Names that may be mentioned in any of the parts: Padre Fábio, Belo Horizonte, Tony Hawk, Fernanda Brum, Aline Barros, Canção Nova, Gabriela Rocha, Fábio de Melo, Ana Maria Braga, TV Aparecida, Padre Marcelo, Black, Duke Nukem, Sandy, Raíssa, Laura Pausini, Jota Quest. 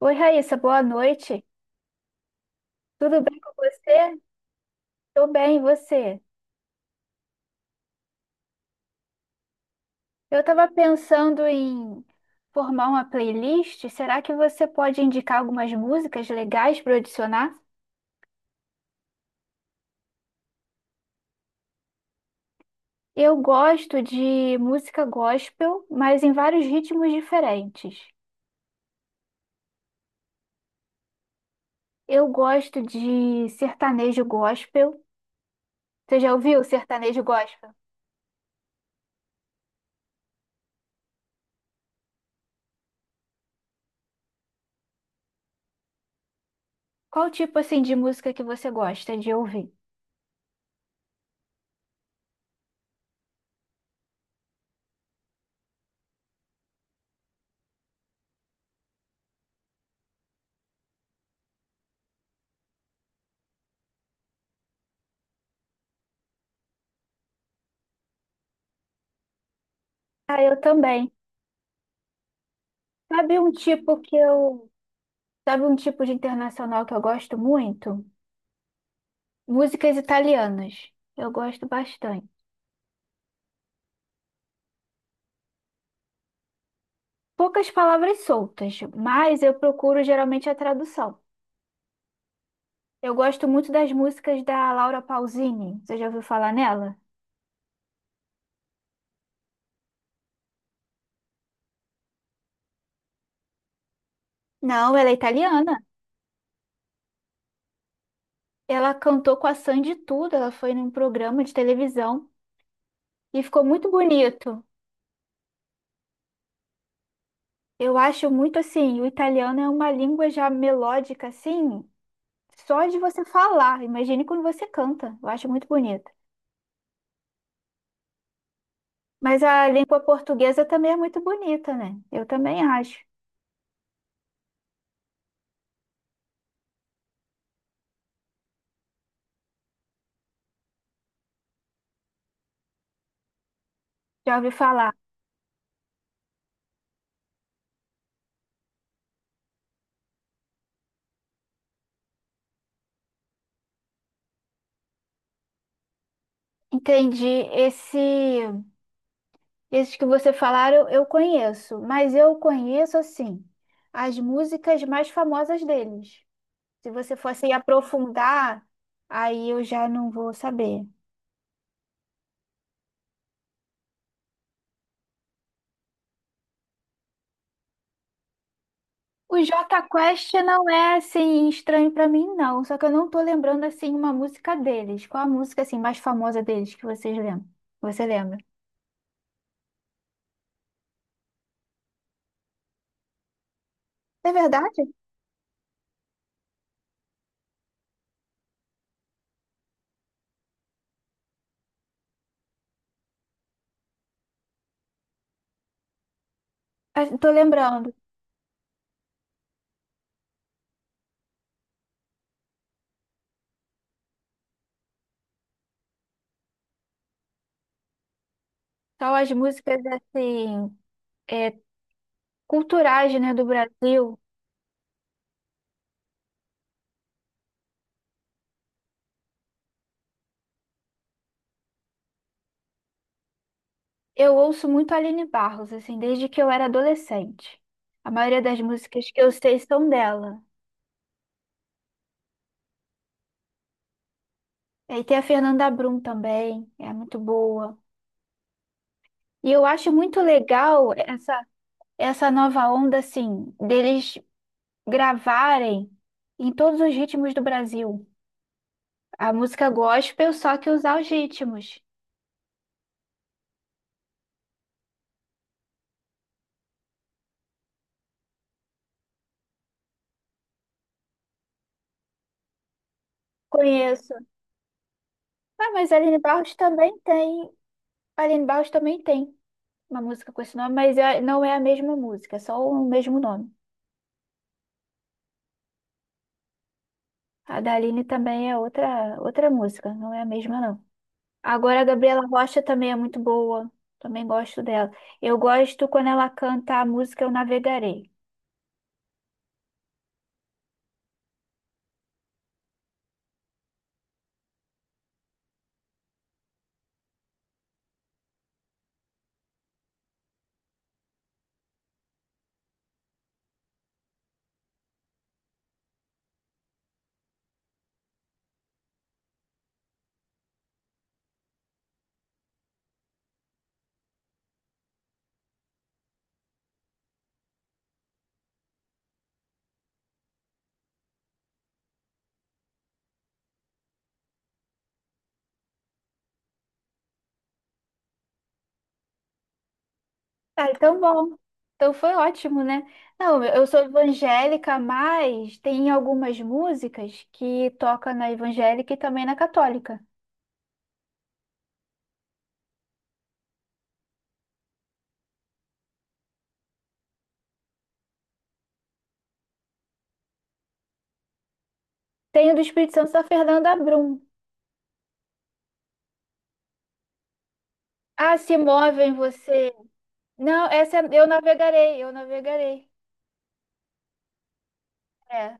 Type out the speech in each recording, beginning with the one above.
Oi, Raíssa, boa noite. Tudo bem com você? Tô bem, e você? Eu estava pensando em formar uma playlist. Será que você pode indicar algumas músicas legais para adicionar? Eu gosto de música gospel, mas em vários ritmos diferentes. Eu gosto de sertanejo gospel. Você já ouviu sertanejo gospel? Qual tipo assim de música que você gosta de ouvir? Ah, eu também. Sabe um tipo que eu Sabe um tipo de internacional que eu gosto muito? Músicas italianas. Eu gosto bastante. Poucas palavras soltas, mas eu procuro geralmente a tradução. Eu gosto muito das músicas da Laura Pausini. Você já ouviu falar nela? Não, ela é italiana. Ela cantou com a Sandy tudo. Ela foi num programa de televisão e ficou muito bonito. Eu acho muito assim, o italiano é uma língua já melódica assim, só de você falar. Imagine quando você canta. Eu acho muito bonito. Mas a língua portuguesa também é muito bonita, né? Eu também acho. Já ouvi falar. Entendi. Esse, Esses que você falaram, eu conheço, mas eu conheço assim as músicas mais famosas deles. Se você fosse aprofundar, aí eu já não vou saber. O Jota Quest não é assim estranho pra mim, não. Só que eu não tô lembrando assim uma música deles. Qual a música assim mais famosa deles que vocês lembram? Você lembra? É verdade? Ah, tô lembrando. Só as músicas assim, é, culturais, né, do Brasil. Eu ouço muito Aline Barros, assim, desde que eu era adolescente. A maioria das músicas que eu sei são dela. E tem a Fernanda Brum também, é muito boa. E eu acho muito legal essa, essa nova onda, assim, deles gravarem em todos os ritmos do Brasil. A música gospel, só que usar os ritmos. Conheço. Ah, mas Aline Barros também tem. Aline Barros também tem uma música com esse nome, mas não é a mesma música, é só o mesmo nome. A da Aline também é outra, outra música, não é a mesma, não. Agora a Gabriela Rocha também é muito boa, também gosto dela. Eu gosto quando ela canta a música Eu Navegarei. Ah, então bom. Então foi ótimo, né? Não, eu sou evangélica, mas tem algumas músicas que toca na evangélica e também na católica. Tem o do Espírito Santo da Fernanda Brum. Ah, se move em você. Não, essa... eu navegarei, eu navegarei. É,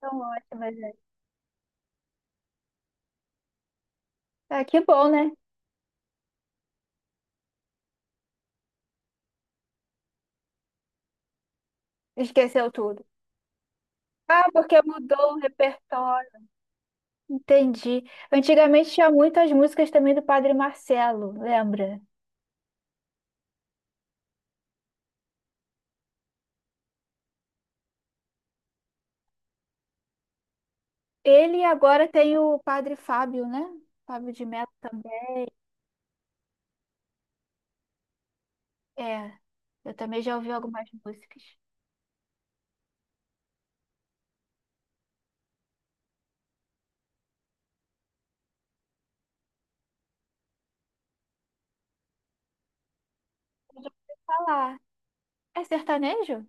tão ótima, gente. Ah, que bom, né? Esqueceu tudo. Ah, porque mudou o repertório. Entendi. Antigamente tinha muitas músicas também do Padre Marcelo, lembra? Ele agora tem o Padre Fábio, né? Fábio de Melo também. É, eu também já ouvi algumas músicas. Eu já ouvi falar. É sertanejo?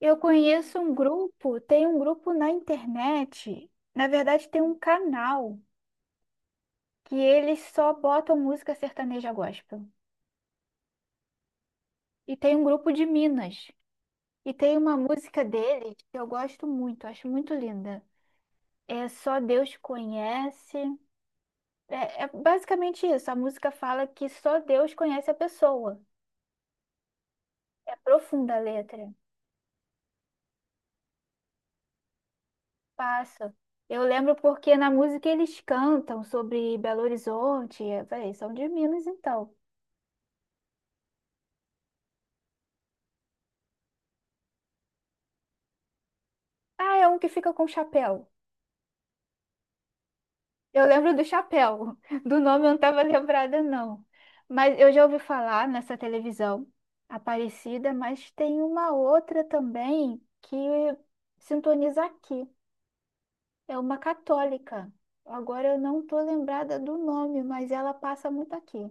Eu conheço um grupo, tem um grupo na internet. Na verdade, tem um canal que eles só botam música sertaneja gospel. E tem um grupo de Minas. E tem uma música deles que eu gosto muito, acho muito linda. É Só Deus Conhece. É, é basicamente isso. A música fala que só Deus conhece a pessoa. É profunda a letra. Passa. Eu lembro porque na música eles cantam sobre Belo Horizonte. Eu falei, são de Minas então. Ah, é um que fica com chapéu. Eu lembro do chapéu. Do nome eu não estava lembrada, não. Mas eu já ouvi falar nessa televisão Aparecida, mas tem uma outra também que sintoniza aqui. É uma católica. Agora eu não estou lembrada do nome, mas ela passa muito aqui.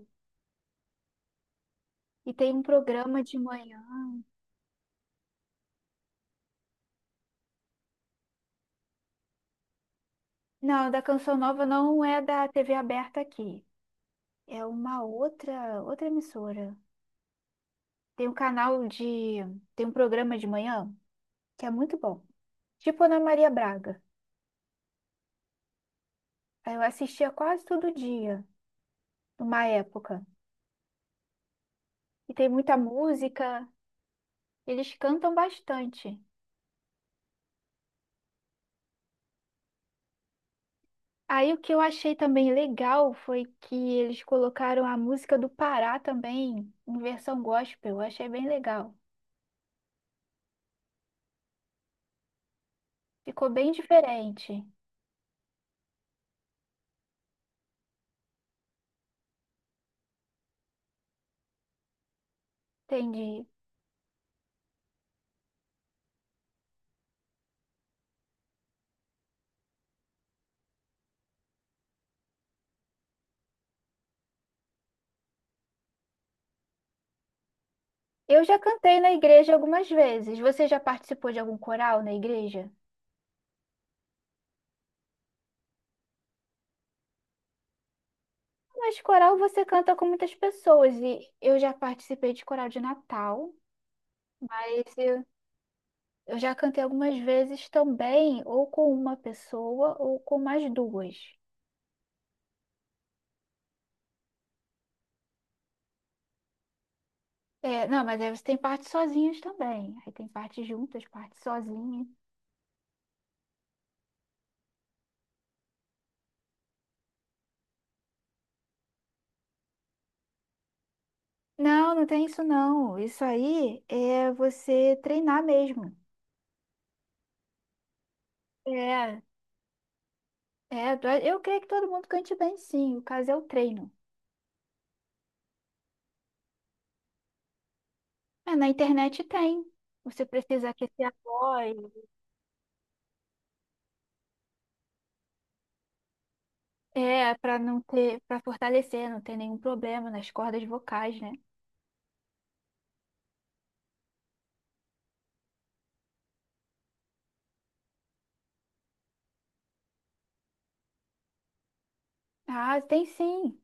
E tem um programa de manhã. Não, da Canção Nova não é da TV aberta aqui. É uma outra, outra emissora. Tem um canal de, tem um programa de manhã que é muito bom. Tipo Ana Maria Braga. Aí eu assistia quase todo dia, numa época. E tem muita música, eles cantam bastante. Aí o que eu achei também legal foi que eles colocaram a música do Pará também, em versão gospel. Eu achei bem legal. Ficou bem diferente. Entendi. Eu já cantei na igreja algumas vezes. Você já participou de algum coral na igreja? Mas coral você canta com muitas pessoas e eu já participei de coral de Natal. Mas eu Eu já cantei algumas vezes também, ou com uma pessoa, ou com mais duas. É, não, mas aí você tem partes sozinhas também. Aí tem partes juntas, partes sozinhas. Não, não tem isso não. Isso aí é você treinar mesmo. É, é, eu creio que todo mundo cante bem, sim. O caso é o treino. É, na internet tem. Você precisa aquecer a voz, é, para não ter, para fortalecer, não ter nenhum problema nas cordas vocais, né? Ah, tem sim.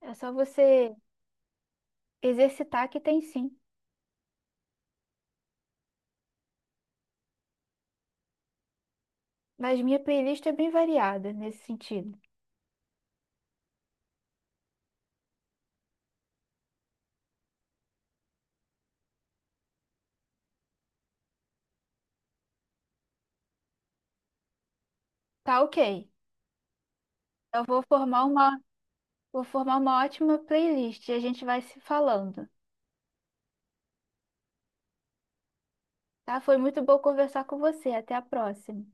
É só você exercitar que tem sim, mas minha playlist é bem variada nesse sentido. Tá, ok. Eu vou formar uma ótima playlist e a gente vai se falando. Tá? Foi muito bom conversar com você. Até a próxima.